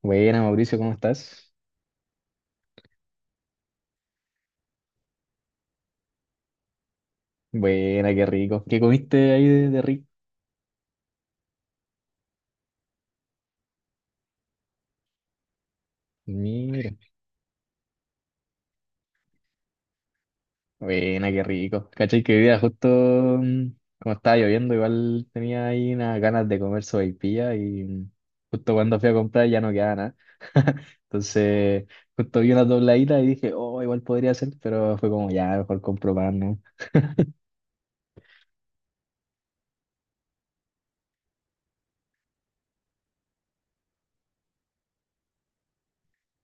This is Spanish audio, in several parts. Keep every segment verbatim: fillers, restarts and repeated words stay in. Buena, Mauricio, ¿cómo estás? Buena, qué rico. ¿Qué comiste ahí de, de rico? Mira, buena, qué rico. ¿Cachai? Que hoy día justo mm, como estaba lloviendo, igual tenía ahí unas ganas de comer sopaipilla y mm, justo cuando fui a comprar ya no quedaba nada. Entonces, justo vi una dobladita y dije, oh, igual podría ser, pero fue como, ya, mejor compro pan, ¿no?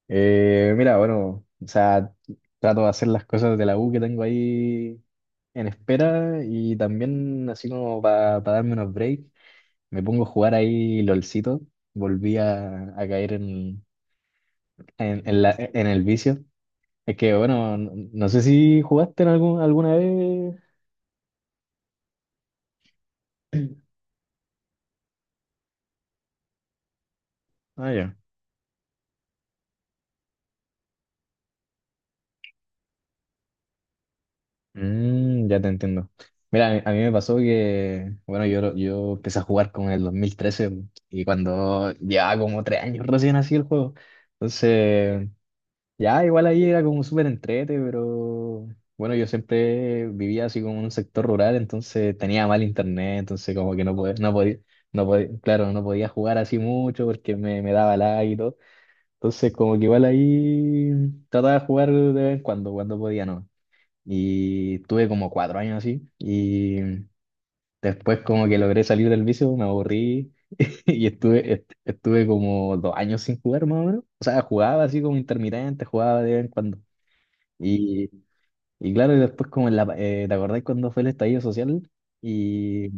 Eh, mira, bueno, o sea, trato de hacer las cosas de la U que tengo ahí en espera y también así como para darme unos breaks, me pongo a jugar ahí LOLcito, volví a, a caer en, en, en la- en el vicio. Es que bueno, no, no sé si jugaste en algún, alguna vez. Ah, ya. Mm, ya te entiendo. Mira, a mí, a mí me pasó que, bueno, yo, lo- yo empecé a jugar con el dos mil trece y cuando llevaba como tres años recién así el juego. Entonces... Ya, igual ahí era como súper entrete, pero bueno, yo siempre vivía así como en un sector rural, entonces tenía mal internet, entonces como que no podía, no podía, no podía, claro, no podía jugar así mucho porque me, me daba lag y todo. Entonces como que igual ahí trataba de jugar de vez en cuando, cuando podía, ¿no? Y tuve como cuatro años así y después como que logré salir del vicio, me aburrí y estuve, est- estuve como dos años sin jugar más o menos. O sea, jugaba así como intermitente, jugaba de vez en cuando. Y, y claro, y después como en la, pa- eh, ¿te acordáis cuando fue el estallido social? Y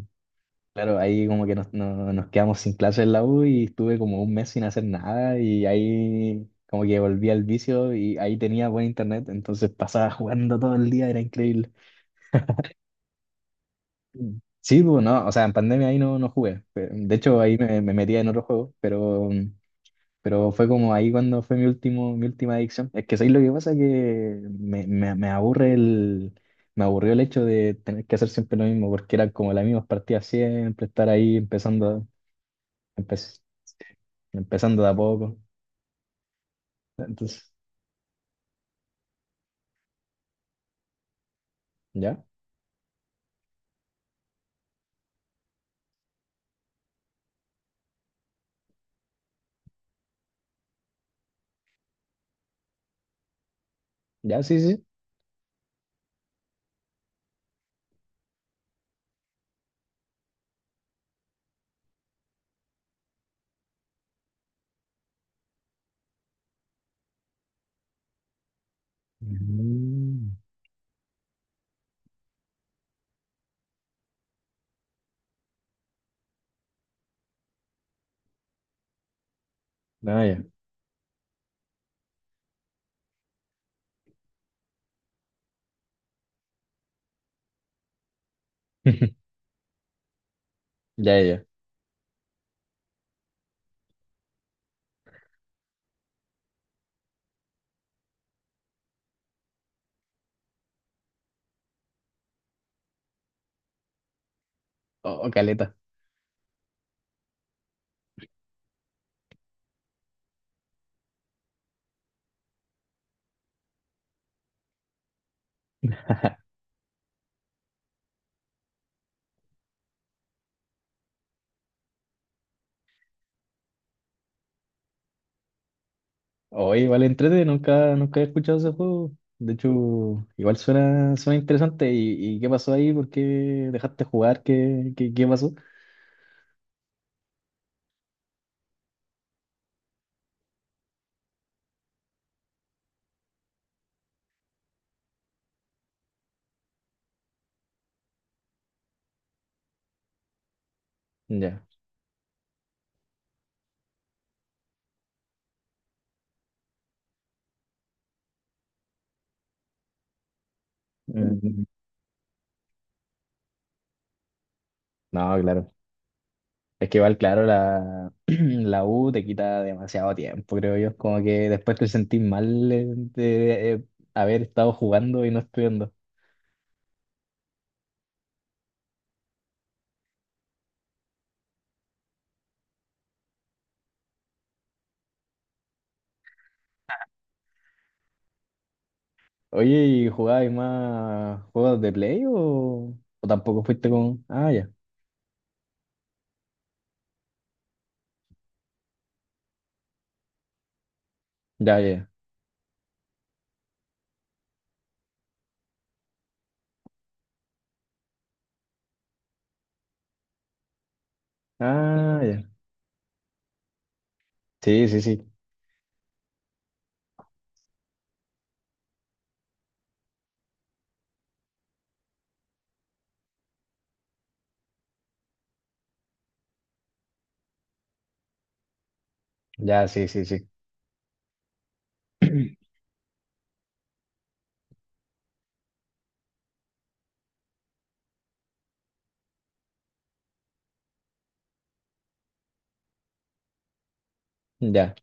claro, ahí como que nos, no- nos quedamos sin clases en la U y estuve como un mes sin hacer nada y ahí como que volví al vicio y ahí tenía buen internet, entonces pasaba jugando todo el día, era increíble. Sí, pues, no, o sea, en pandemia ahí no, no jugué. pe- De hecho, ahí me, me metía en otro juego, pero mm, pero fue como ahí cuando fue mi último, mi última adicción. Es que ¿sabes lo que pasa? Que me, me, me aburre el, me aburrió el hecho de tener que hacer siempre lo mismo, porque eran como las mismas partidas siempre, estar ahí empezando, empe- empezando de a poco. Entonces, ¿ya? ¿Ya? Sí, sí. Mm. Ah, ya. Ya, ya, ya. Oh, oh, caleta. Oh, igual entrete, nunca, nunca he escuchado ese juego. De hecho, igual suena, suena interesante. ¿Y, y qué pasó ahí? ¿Por qué dejaste jugar? ¿Qué, qué, qué pasó? Ya. Mm. No, claro. Es que igual, claro, la, la U te quita demasiado tiempo, creo yo. Como que después te sentís mal eh, de, eh, haber estado jugando y no estudiando. Oye, ¿y jugabas más juegos de play o, o tampoco fuiste con... Ah, ya. Ya, ya, ya. Ah, ya. Sí, sí, sí. Ya, sí, sí, sí. Ya.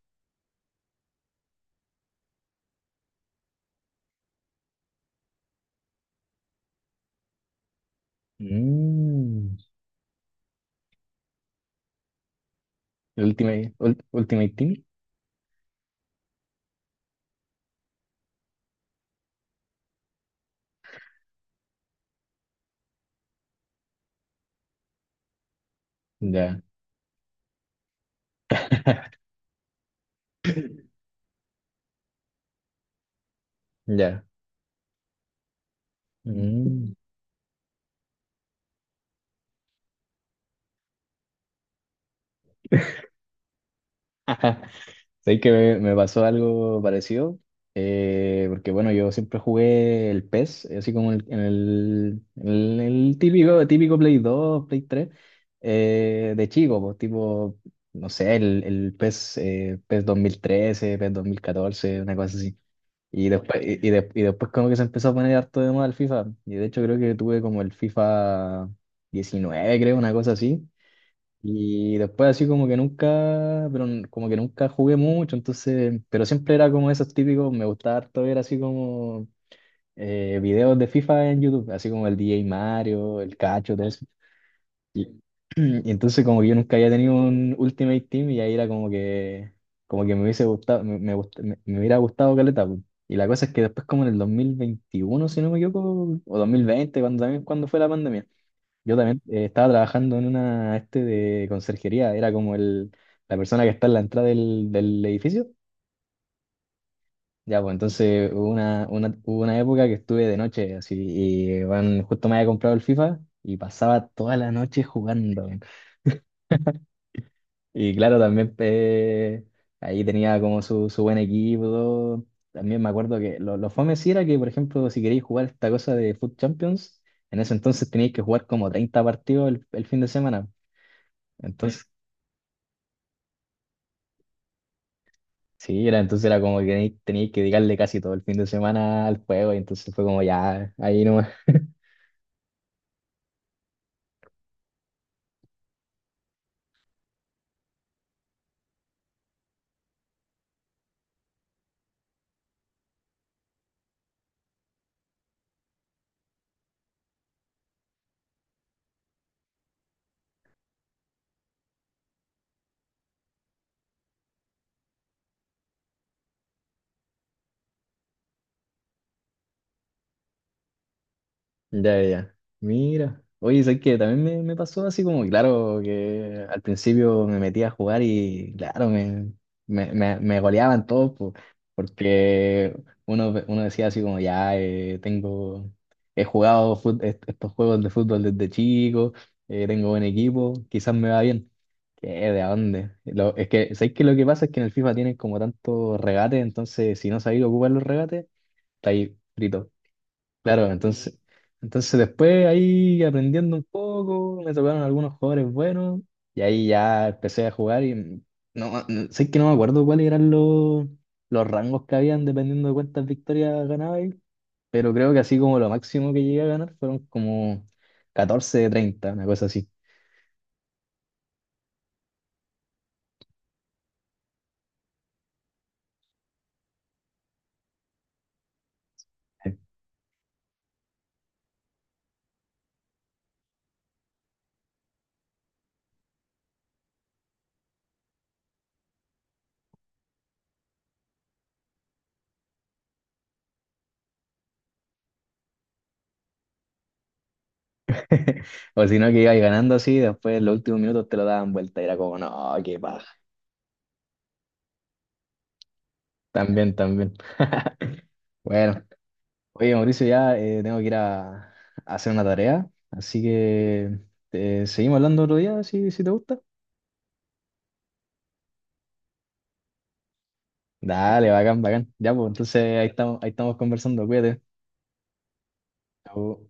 Mm. Ultimate, Ul- Ultimate Team. Ya, ya. Mm. Sé que me, me pasó algo parecido, eh, porque bueno, yo siempre jugué el P E S, así como el- en el, en el- el típico, típico Play dos, Play tres, eh, de chico, pues, tipo, no sé, el, el P E S, eh, P E S dos mil trece, P E S dos mil catorce, una cosa así. Y después, y, y de- y después como que se empezó a poner harto de moda el FIFA, y de hecho creo que tuve como el FIFA diecinueve, creo, una cosa así. Y después así como que nunca, pero n- como que nunca jugué mucho, entonces, pero siempre era como esos típicos, me gustaba harto ver así como eh, videos de FIFA en YouTube, así como el D J Mario, el Cacho, todo eso. Y, y entonces como que yo nunca había tenido un Ultimate Team y ahí era como que, como que me hubiese gustado, me, me, gust- me- me hubiera gustado caleta, pues. Y la cosa es que después como en el dos mil veintiuno, si no me equivoco, o dos mil veinte, cuando también cuando fue la pandemia. Yo también eh, estaba trabajando en una este de conserjería, era como el, la persona que está en la entrada del, del edificio. Ya, pues entonces hubo una, una, hubo una época que estuve de noche, así, y bueno, justo me había comprado el FIFA y pasaba toda la noche jugando, weón. Y claro, también eh, ahí tenía como su, su buen equipo, todo. También me acuerdo que lo, lo fome sí era que, por ejemplo, si queréis jugar esta cosa de Foot Champions, en ese entonces teníais que jugar como treinta partidos el, el fin de semana. Entonces, sí, era, entonces era como que tenía que dedicarle casi todo el fin de semana al juego y entonces fue como ya, ahí no. Ya, ya. Mira. Oye, ¿sabes qué? También me, me pasó así como, claro, que al principio me metí a jugar y, claro, me, me, me, me goleaban todos, po, porque uno, uno decía así como, ya, eh, tengo, he jugado fut- est- estos juegos de fútbol desde chico, eh, tengo buen equipo, quizás me va bien. ¿Qué? ¿De dónde? Lo- es que, ¿sabes qué? Lo que pasa es que en el FIFA tienen como tantos regates, entonces si no sabéis ocupar los regates, estáis fritos. Claro, entonces, entonces después ahí aprendiendo un poco, me tocaron algunos jugadores buenos y ahí ya empecé a jugar y no, no- sé que no me acuerdo cuáles eran los, los rangos que habían dependiendo de cuántas victorias ganaba y- pero creo que así como lo máximo que llegué a ganar fueron como catorce de treinta, una cosa así. O si no, que ibas ganando así, después en los últimos minutos te lo daban vuelta y era como, no, qué paja. También, también. Bueno. Oye, Mauricio, ya eh, tengo que ir a, a hacer una tarea, así que eh, seguimos hablando otro día, si, si te gusta. Dale, bacán, bacán. Ya, pues entonces ahí estamos, ahí estamos conversando, cuídate. Chau.